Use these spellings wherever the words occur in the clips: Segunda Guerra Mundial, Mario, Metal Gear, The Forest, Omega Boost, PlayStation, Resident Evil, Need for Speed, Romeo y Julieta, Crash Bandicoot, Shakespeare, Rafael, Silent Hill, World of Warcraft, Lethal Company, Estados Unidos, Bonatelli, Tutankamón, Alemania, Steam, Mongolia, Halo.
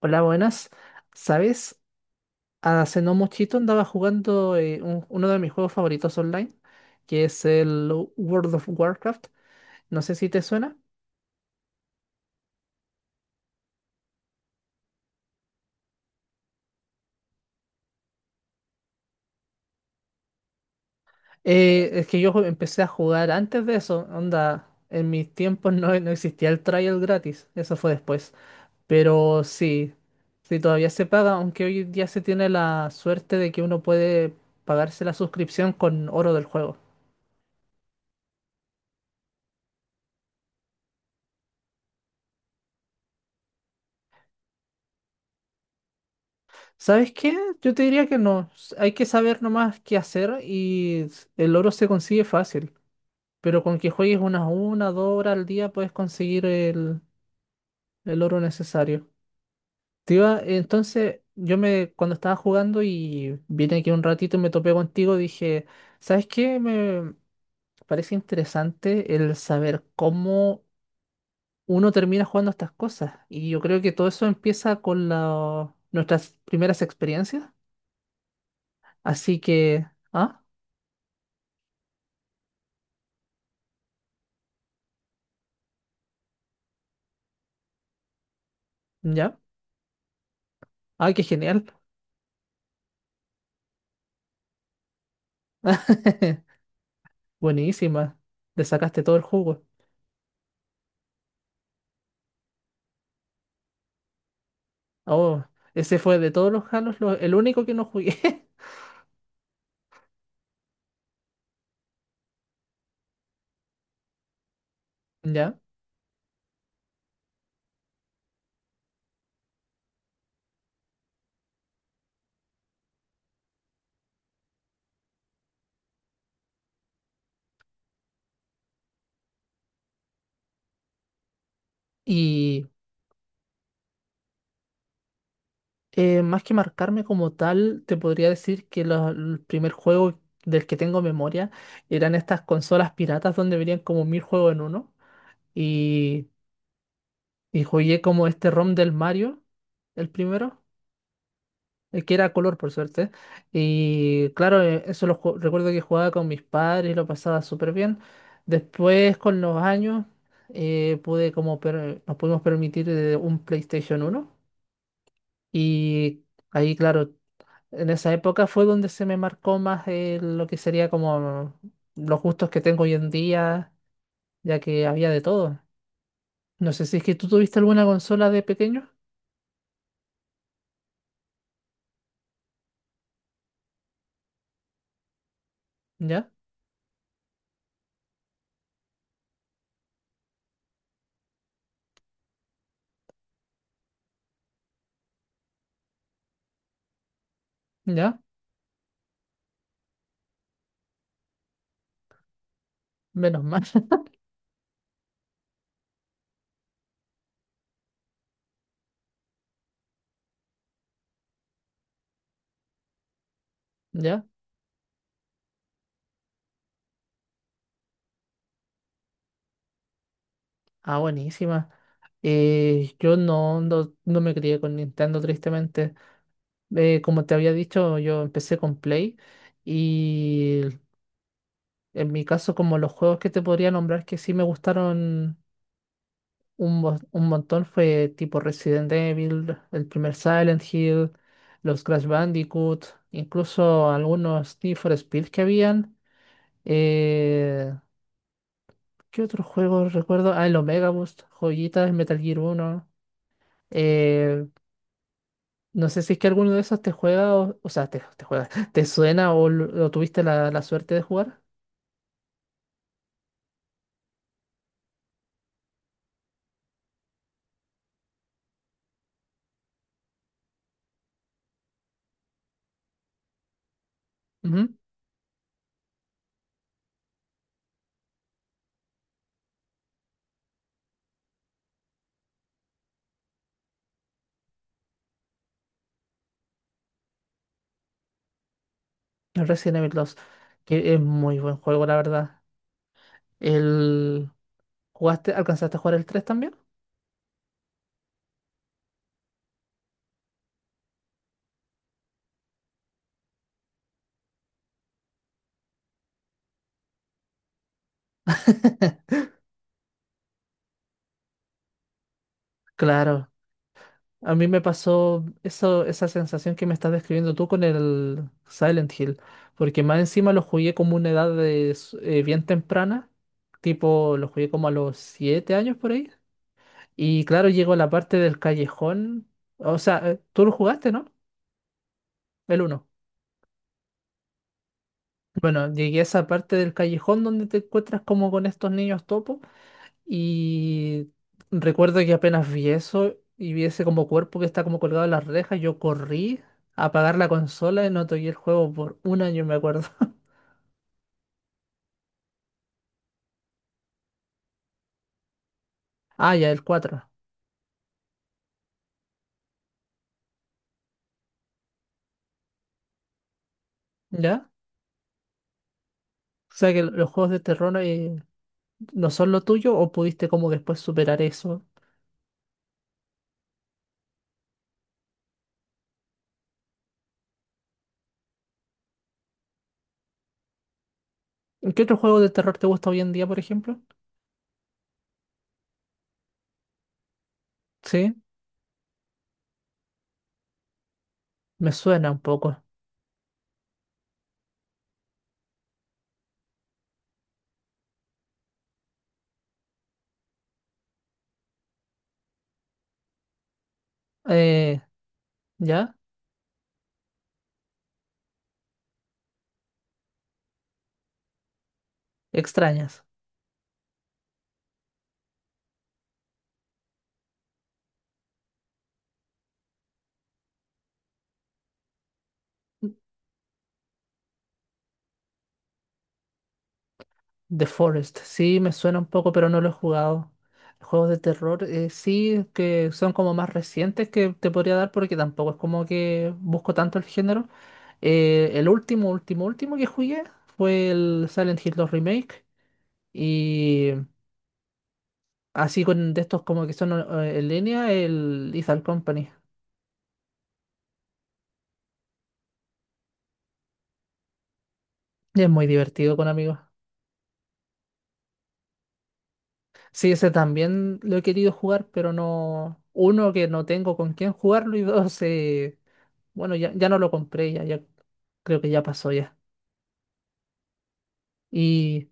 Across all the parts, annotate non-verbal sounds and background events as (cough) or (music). Hola, buenas. ¿Sabes? Hace no muchito andaba jugando uno de mis juegos favoritos online, que es el World of Warcraft. No sé si te suena. Es que yo empecé a jugar antes de eso. Onda, en mis tiempos no existía el trial gratis. Eso fue después. Pero sí, sí todavía se paga, aunque hoy día se tiene la suerte de que uno puede pagarse la suscripción con oro del juego. ¿Sabes qué? Yo te diría que no. Hay que saber nomás qué hacer y el oro se consigue fácil. Pero con que juegues una, 2 horas al día puedes conseguir el oro necesario. Entonces, cuando estaba jugando y vine aquí un ratito y me topé contigo, dije, ¿sabes qué? Me parece interesante el saber cómo uno termina jugando estas cosas. Y yo creo que todo eso empieza con nuestras primeras experiencias. Así que, ¿ah? ¿Ya? Ay, qué genial. (laughs) Buenísima. Le sacaste todo el jugo. Oh, ese fue de todos los Halos el único que no jugué. (laughs) Ya. Y más que marcarme como tal, te podría decir que el primer juego del que tengo memoria eran estas consolas piratas donde venían como mil juegos en uno. Y, y jugué como este ROM del Mario, el primero. Que era color por suerte. Y claro, eso recuerdo que jugaba con mis padres y lo pasaba súper bien. Después, con los años, nos pudimos permitir un PlayStation uno. Y ahí, claro, en esa época fue donde se me marcó más lo que sería como los gustos que tengo hoy en día, ya que había de todo. No sé si es que tú tuviste alguna consola de pequeño. Ya, ya, menos mal. (laughs) ¿Ya? Ah, buenísima. Yo no me crié con Nintendo, tristemente. Como te había dicho, yo empecé con Play y en mi caso, como los juegos que te podría nombrar que sí me gustaron un montón fue tipo Resident Evil, el primer Silent Hill, los Crash Bandicoot, incluso algunos Need for Speed que habían. Eh, ¿qué otros juegos recuerdo? Ah, el Omega Boost, joyitas, Metal Gear Uno Eh, No sé si es que alguno de esos te juega, o sea, te juega, (laughs) te suena o lo tuviste la suerte de jugar. Ujú. El Resident Evil dos que es muy buen juego, la verdad. El, ¿jugaste, alcanzaste a jugar el tres también? (laughs) Claro, a mí me pasó eso, esa sensación que me estás describiendo tú con el Silent Hill, porque más encima lo jugué como una edad de bien temprana, tipo lo jugué como a los 7 años por ahí. Y claro, llego a la parte del callejón. O sea, tú lo jugaste, ¿no? El uno. Bueno, llegué a esa parte del callejón donde te encuentras como con estos niños topo. Y recuerdo que apenas vi eso y vi ese como cuerpo que está como colgado en las rejas, yo corrí a apagar la consola y no toqué el juego por un año, me acuerdo. (laughs) Ah, ya, el cuatro. ¿Ya? O sea que los juegos de terror no son lo tuyo o pudiste como después superar eso. ¿Qué otro juego de terror te gusta hoy en día, por ejemplo? Sí. Me suena un poco. Eh, ¿ya? Extrañas. The Forest. Sí, me suena un poco, pero no lo he jugado. Juegos de terror, sí, que son como más recientes que te podría dar porque tampoco es como que busco tanto el género. El último, último, último que jugué fue el Silent Hill dos Remake y así con de estos como que son en línea, el Lethal Company. Y es muy divertido con amigos. Sí, ese también lo he querido jugar, pero no. Uno, que no tengo con quién jugarlo, y dos, bueno, ya, ya no lo compré, ya, ya creo que ya pasó ya. ¿Y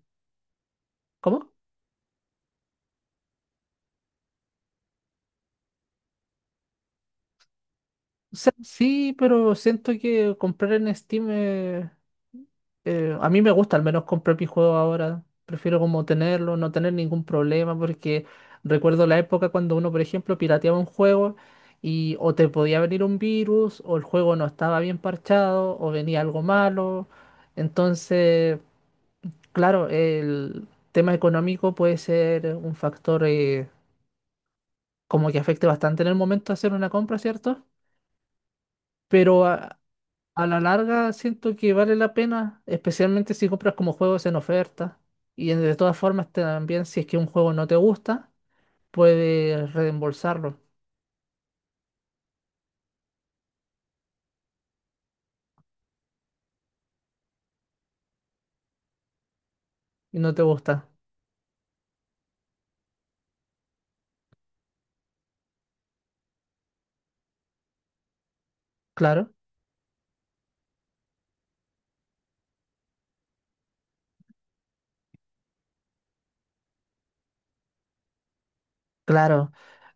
cómo? O sea, sí, pero siento que comprar en Steam. A mí me gusta al menos comprar mi juego ahora. Prefiero como tenerlo, no tener ningún problema, porque recuerdo la época cuando uno, por ejemplo, pirateaba un juego y o te podía venir un virus, o el juego no estaba bien parchado, o venía algo malo. Entonces, claro, el tema económico puede ser un factor como que afecte bastante en el momento de hacer una compra, ¿cierto? Pero a- A la larga siento que vale la pena, especialmente si compras como juegos en oferta. Y de todas formas también si es que un juego no te gusta, puedes reembolsarlo y no te gusta. Claro, claro.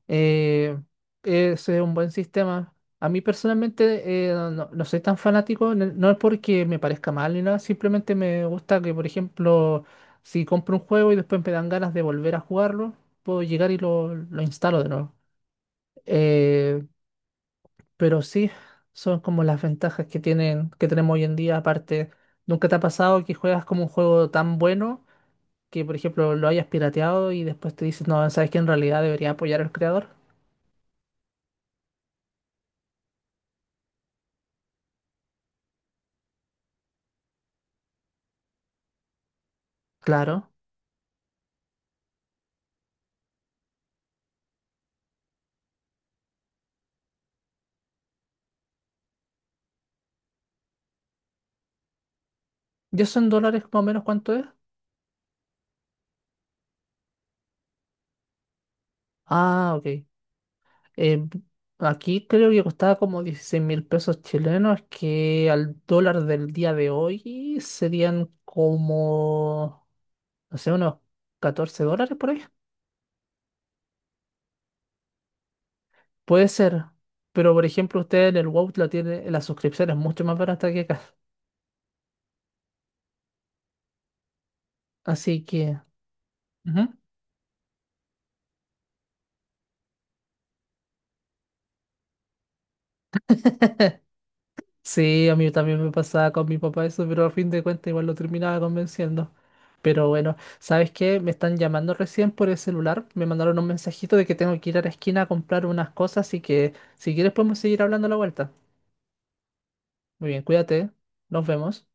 Eh, ese es un buen sistema. A mí personalmente no soy tan fanático, no es porque me parezca mal ni nada, simplemente me gusta que, por ejemplo, si compro un juego y después me dan ganas de volver a jugarlo, puedo llegar y lo instalo de nuevo. Eh, Pero sí, son como las ventajas que tienen, que tenemos hoy en día. Aparte, ¿nunca te ha pasado que juegas como un juego tan bueno que, por ejemplo, lo hayas pirateado y después te dices, no, sabes que en realidad debería apoyar al creador? Claro. ¿Y eso en dólares más o menos cuánto es? Ah, ok. Eh, aquí creo que costaba como 16.000 pesos chilenos, que al dólar del día de hoy serían como, no sé, unos 14 dólares por ahí. Puede ser, pero por ejemplo, usted en el WoW la tiene, la suscripción es mucho más barata que acá. Así que. Ujú. (laughs) Sí, a mí también me pasaba con mi papá eso, pero a fin de cuentas igual lo terminaba convenciendo. Pero bueno, ¿sabes qué? Me están llamando recién por el celular, me mandaron un mensajito de que tengo que ir a la esquina a comprar unas cosas, así que si quieres podemos seguir hablando a la vuelta. Muy bien, cuídate, nos vemos.